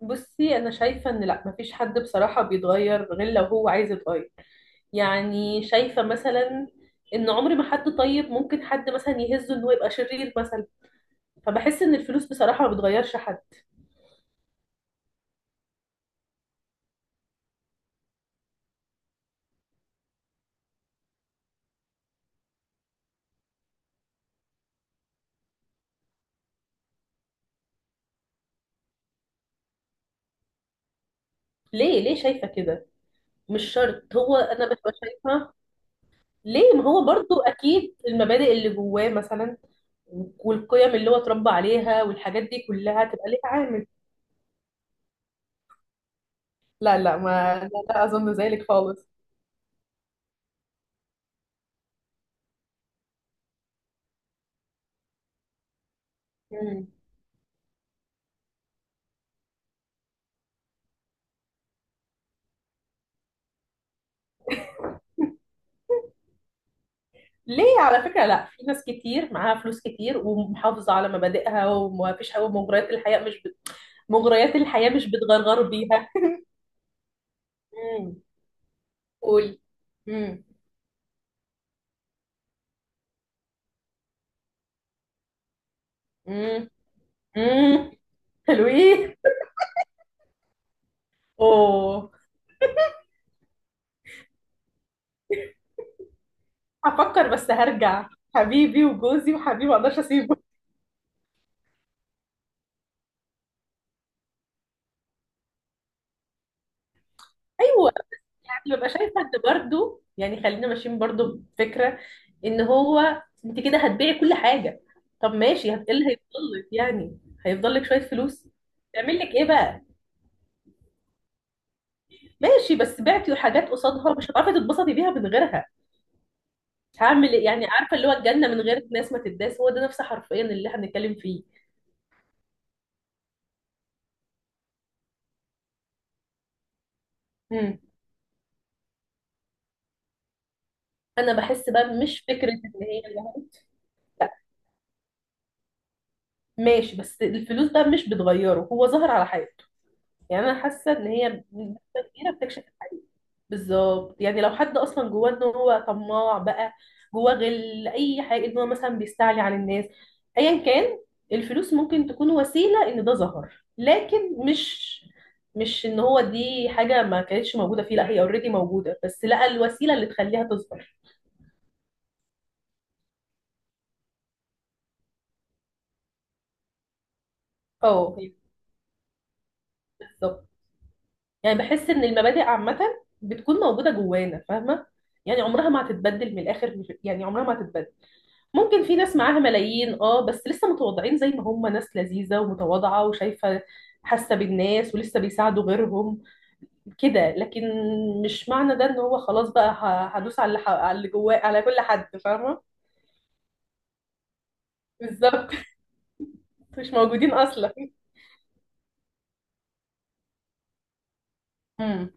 بصي، انا شايفه ان لا، مفيش حد بصراحه بيتغير غير لو هو عايز يتغير. يعني شايفه مثلا ان عمر ما حد طيب ممكن حد مثلا يهزه ان هو يبقى شرير مثلا. فبحس ان الفلوس بصراحه ما بتغيرش حد. ليه ليه شايفه كده؟ مش شرط، هو انا ببقى شايفه ليه، ما هو برضو اكيد المبادئ اللي جواه مثلا والقيم اللي هو اتربى عليها والحاجات دي كلها تبقى ليها عامل. لا لا ما لا, لا اظن ذلك خالص. مم. ليه على فكرة؟ لا، في ناس كتير معاها فلوس كتير ومحافظة على مبادئها، وما فيش حاجة. مغريات الحياة مش بت... مغريات الحياة مش بتغرغر بيها. امم قولي. امم امم امم حلوين. اوه. هفكر بس هرجع. حبيبي وجوزي وحبيبي ما اقدرش اسيبه. ايوه، يعني ببقى شايفه ان برضه، يعني خلينا ماشيين برضه بفكره ان هو انت كده هتبيعي كل حاجه. طب ماشي، ايه اللي هيفضل لك يعني؟ هيفضل لك شويه فلوس تعمل لك ايه بقى؟ ماشي، بس بعتي حاجات قصادها مش هتعرفي تتبسطي بيها من غيرها. هعمل ايه يعني؟ عارفه اللي هو الجنه من غير ناس ما تداس، هو ده نفس حرفيا اللي احنا بنتكلم فيه. مم. انا بحس بقى مش فكره ان هي ماشي، بس الفلوس بقى مش بتغيره، هو ظهر على حاجه. يعني انا حاسه ان هي بنسبه كبيره بتكشف الحقيقه. بالظبط، يعني لو حد اصلا جواه ان هو طماع بقى، جواه غل، اي حاجه، ان هو مثلا بيستعلي على الناس، ايا كان، الفلوس ممكن تكون وسيله ان ده ظهر، لكن مش ان هو دي حاجه ما كانتش موجوده فيه، لا هي اوريدي موجوده بس لقى الوسيله اللي تخليها تظهر. اه بالظبط. يعني بحس ان المبادئ عامه بتكون موجوده جوانا، فاهمه؟ يعني عمرها ما هتتبدل، من الاخر يعني عمرها ما هتتبدل. ممكن في ناس معاها ملايين، اه، بس لسه متواضعين زي ما هم، ناس لذيذة ومتواضعة وشايفة، حاسة بالناس ولسه بيساعدوا غيرهم كده. لكن مش معنى ده ان هو خلاص بقى هدوس على اللي على اللي جواه، على كل حد، فاهمة؟ بالظبط. مش موجودين اصلا. امم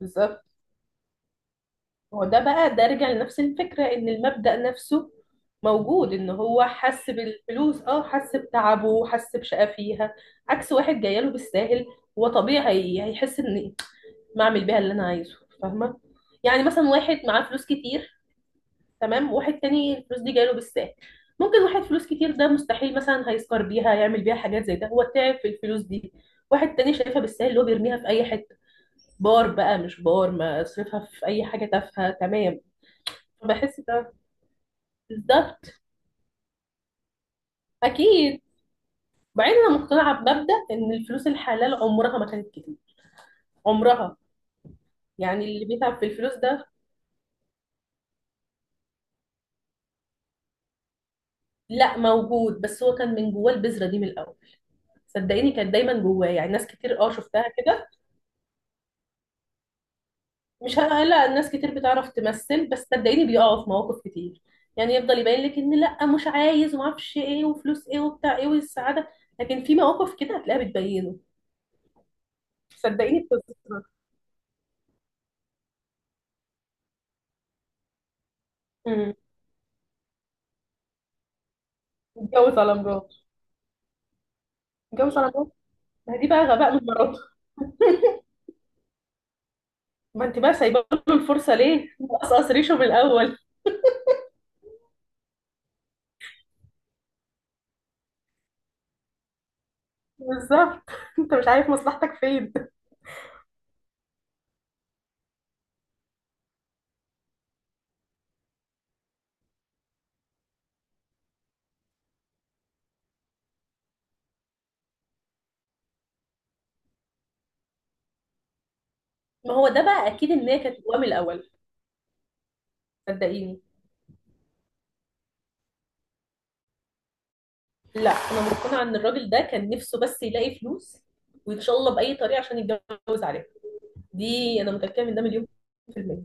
بالظبط. هو ده بقى، ده رجع لنفس الفكرة ان المبدأ نفسه موجود، ان هو حس بالفلوس، اه حس بتعبه، حس بشقى فيها، عكس واحد جايله بالساهل. هو طبيعي هيحس ان ما اعمل بيها اللي انا عايزه، فاهمه؟ يعني مثلا واحد معاه فلوس كتير، تمام، وواحد تاني الفلوس دي جايله بالساهل. ممكن واحد فلوس كتير ده مستحيل مثلا هيسكر بيها يعمل بيها حاجات زي ده، هو تعب في الفلوس دي. واحد تاني شايفها بالساهل، اللي هو بيرميها في اي حته، بار بقى مش بار، ما اصرفها في اي حاجه تافهه، تمام. بحس ده بالظبط اكيد. بعدين انا مقتنعه بمبدا ان الفلوس الحلال عمرها ما كانت كتير، عمرها. يعني اللي بيتعب في الفلوس ده، لا موجود، بس هو كان من جواه البذرة دي من الأول، صدقيني كانت دايما جواه. يعني ناس كتير اه شفتها كده. مش هلا، ناس كتير بتعرف تمثل، بس صدقيني بيقعوا في مواقف كتير. يعني يفضل يبين لك ان لا مش عايز، ومعرفش ايه، وفلوس ايه، وبتاع ايه، والسعادة. لكن في مواقف كده هتلاقيها بتبينه، صدقيني بتظهر. امم اتجوز على مراته. اتجوز على مراته. ما هي دي بقى غباء من مراته. ما انت بقى سايبه له الفرصه ليه؟ مقصقص ريشه من الاول. بالظبط. انت مش عارف مصلحتك فين. ما هو ده بقى اكيد ان هي كانت جواه من الاول، صدقيني. لا، انا مقتنعه ان الراجل ده كان نفسه بس يلاقي فلوس، وان شاء الله باي طريقه، عشان يتجوز عليها. دي انا متاكده من ده مليون في الميه.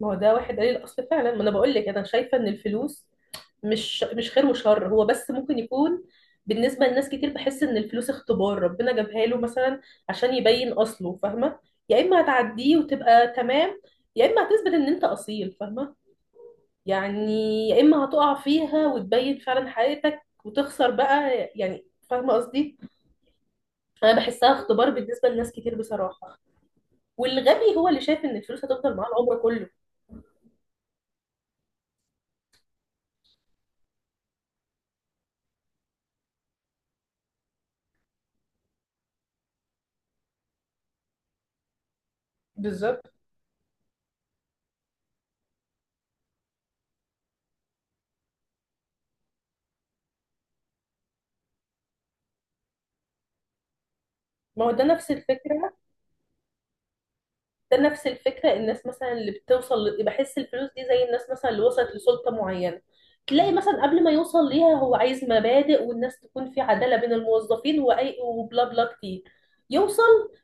ما هو ده واحد قليل الاصل فعلا. ما انا بقول لك، انا شايفه ان الفلوس مش خير وشر، هو بس ممكن يكون بالنسبه لناس كتير. بحس ان الفلوس اختبار ربنا جابها له مثلا عشان يبين اصله، فاهمه؟ يا اما هتعديه وتبقى تمام، يا اما هتثبت ان انت اصيل، فاهمه يعني، يا اما هتقع فيها وتبين فعلا حقيقتك وتخسر بقى، يعني فاهمه قصدي؟ انا بحسها اختبار بالنسبه لناس كتير بصراحه. والغبي هو اللي شايف ان الفلوس هتفضل معاه العمر كله. بالظبط. ما هو ده نفس الفكره، ده نفس الفكره. الناس مثلا اللي بتوصل بحس الفلوس دي زي الناس مثلا اللي وصلت لسلطه معينه. تلاقي مثلا قبل ما يوصل ليها، هو عايز مبادئ والناس تكون في عداله بين الموظفين، واي، وبلا بلا كتير. يوصل،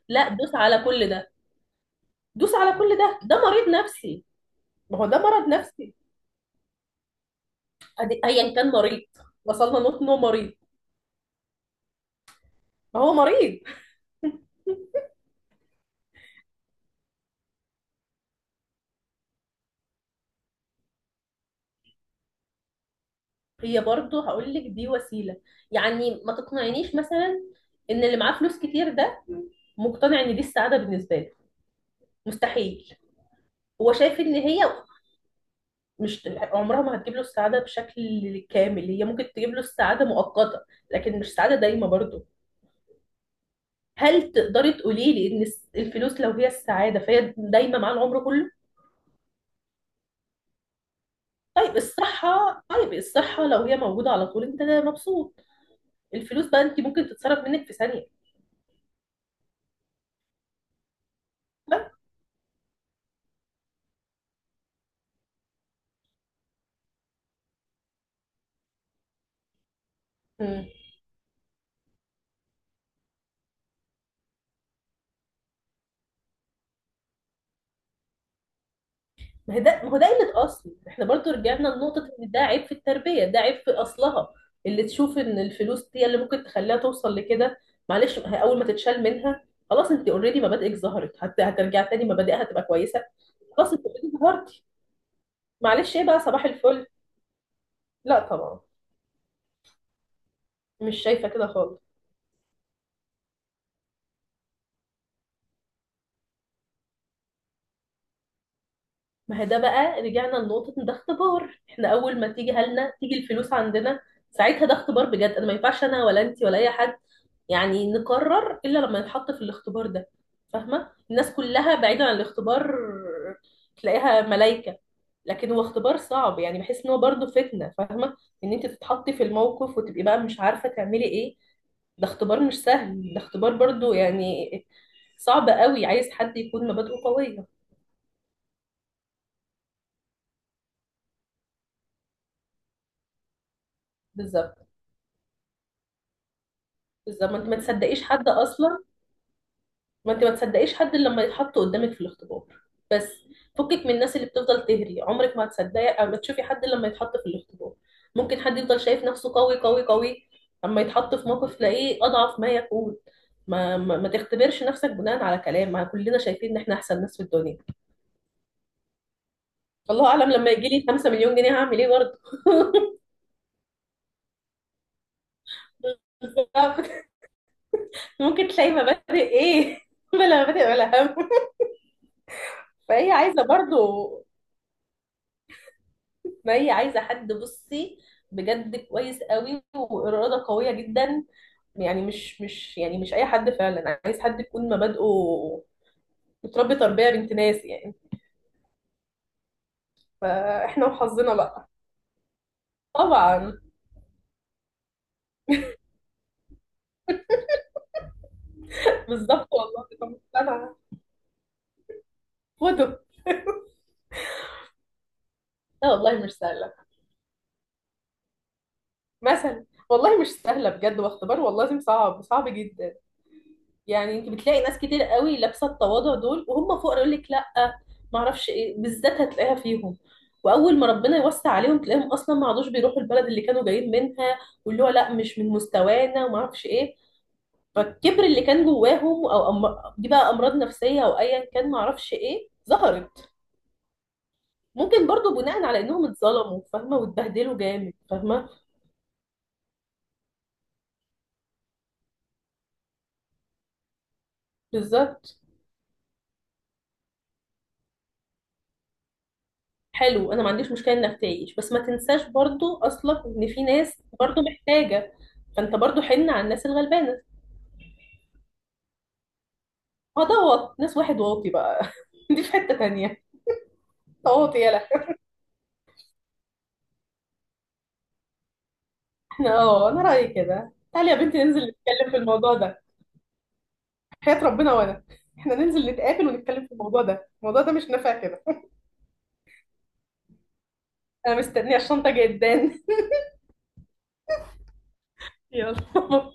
لا، دوس على كل ده. دوس على كل ده، ده مريض نفسي. ما هو ده مرض نفسي. ايا كان مريض. وصلنا نقطة انه مريض، ما هو مريض. هي برضه هقول لك دي وسيلة، يعني ما تقنعنيش مثلا ان اللي معاه فلوس كتير ده مقتنع ان دي السعادة بالنسبة له، مستحيل. هو شايف ان هي مش، عمرها ما هتجيب له السعادة بشكل كامل. هي ممكن تجيب له السعادة مؤقتة، لكن مش سعادة دايمة برضه. هل تقدري تقولي لي ان الفلوس لو هي السعادة فهي دايمة مع العمر كله؟ طيب الصحة، طيب الصحة لو هي موجودة على طول انت مبسوط، الفلوس بقى انت ممكن تتصرف منك في ثانية. بس. مم. ما هي ده، ما هو ده قلة أصل. احنا برضو رجعنا لنقطة ان ده عيب في التربية، ده عيب في أصلها، اللي تشوف ان الفلوس هي اللي ممكن تخليها توصل لكده. معلش، ما هي أول ما تتشال منها خلاص، انت اوريدي مبادئك ظهرت. هترجع تاني مبادئها هتبقى كويسة. خلاص انت اوريدي ظهرتي، معلش ايه بقى، صباح الفل. لا طبعا، مش شايفة كده خالص. ما هي ده بقى رجعنا لنقطة إن ده اختبار. احنا أول ما تيجي هلنا، تيجي الفلوس عندنا، ساعتها ده اختبار بجد. أنا ما ينفعش أنا ولا أنت ولا أي حد يعني نقرر إلا لما نتحط في الاختبار ده، فاهمة؟ الناس كلها بعيدا عن الاختبار تلاقيها ملايكة، لكن هو اختبار صعب. يعني بحس إن هو برضه فتنة، فاهمة؟ إن أنت تتحطي في الموقف وتبقي بقى مش عارفة تعملي إيه، ده اختبار مش سهل. ده اختبار برضه يعني صعب قوي، عايز حد يكون مبادئه قوية. بالظبط. بالظبط، ما انت ما تصدقيش حد اصلا. ما انت ما تصدقيش حد الا لما يتحط قدامك في الاختبار، بس. فكك من الناس اللي بتفضل تهري، عمرك ما هتصدقي او ما تشوفي حد الا لما يتحط في الاختبار. ممكن حد يفضل شايف نفسه قوي قوي قوي، اما يتحط في موقف تلاقيه اضعف ما يكون. ما تختبرش نفسك بناء على كلام، ما كلنا شايفين ان احنا احسن ناس في الدنيا. الله اعلم لما يجي لي 5 مليون جنيه هعمل ايه برضه. ممكن تلاقي مبادئ، ايه. بلا مبادئ ولا هم. فهي عايزه برضه، ما هي عايزة حد، بصي، بجد كويس قوي وإرادة قوية جدا. يعني مش أي حد. فعلا عايز حد يكون مبادئه، متربي تربية بنت ناس يعني. فإحنا وحظنا بقى. طبعا. بالظبط والله. طب مش سهلة، فوتو. لا والله مش سهلة مثلا، والله مش سهلة بجد، واختبار والله العظيم صعب، صعب جدا. يعني انت بتلاقي ناس كتير قوي لابسه التواضع دول وهم فقراء، يقول لك لا، ما اعرفش ايه، بالذات هتلاقيها فيهم. واول ما ربنا يوسع عليهم تلاقيهم اصلا ما عادوش بيروحوا البلد اللي كانوا جايين منها، واللي هو لا مش من مستوانا، وما اعرفش ايه. فالكبر اللي كان جواهم، او دي بقى امراض نفسيه، او ايا كان، ما اعرفش ايه، ظهرت. ممكن برضو بناء على انهم اتظلموا، فاهمه، واتبهدلوا جامد، فاهمه. بالظبط، حلو. انا ما عنديش مشكله انك تعيش، بس ما تنساش برضو اصلا ان في ناس برضو محتاجه. فانت برضو حن على الناس الغلبانه. اه، ده واط، ناس واحد واطي بقى. دي في حته تانية، واطي، يلا. احنا، اه، انا رايي كده، تعالي يا بنتي ننزل نتكلم في الموضوع ده. حياه ربنا. وانا، احنا ننزل نتقابل ونتكلم في الموضوع ده، الموضوع ده مش نافع كده. انا مستنيه الشنطه جدا. يلا.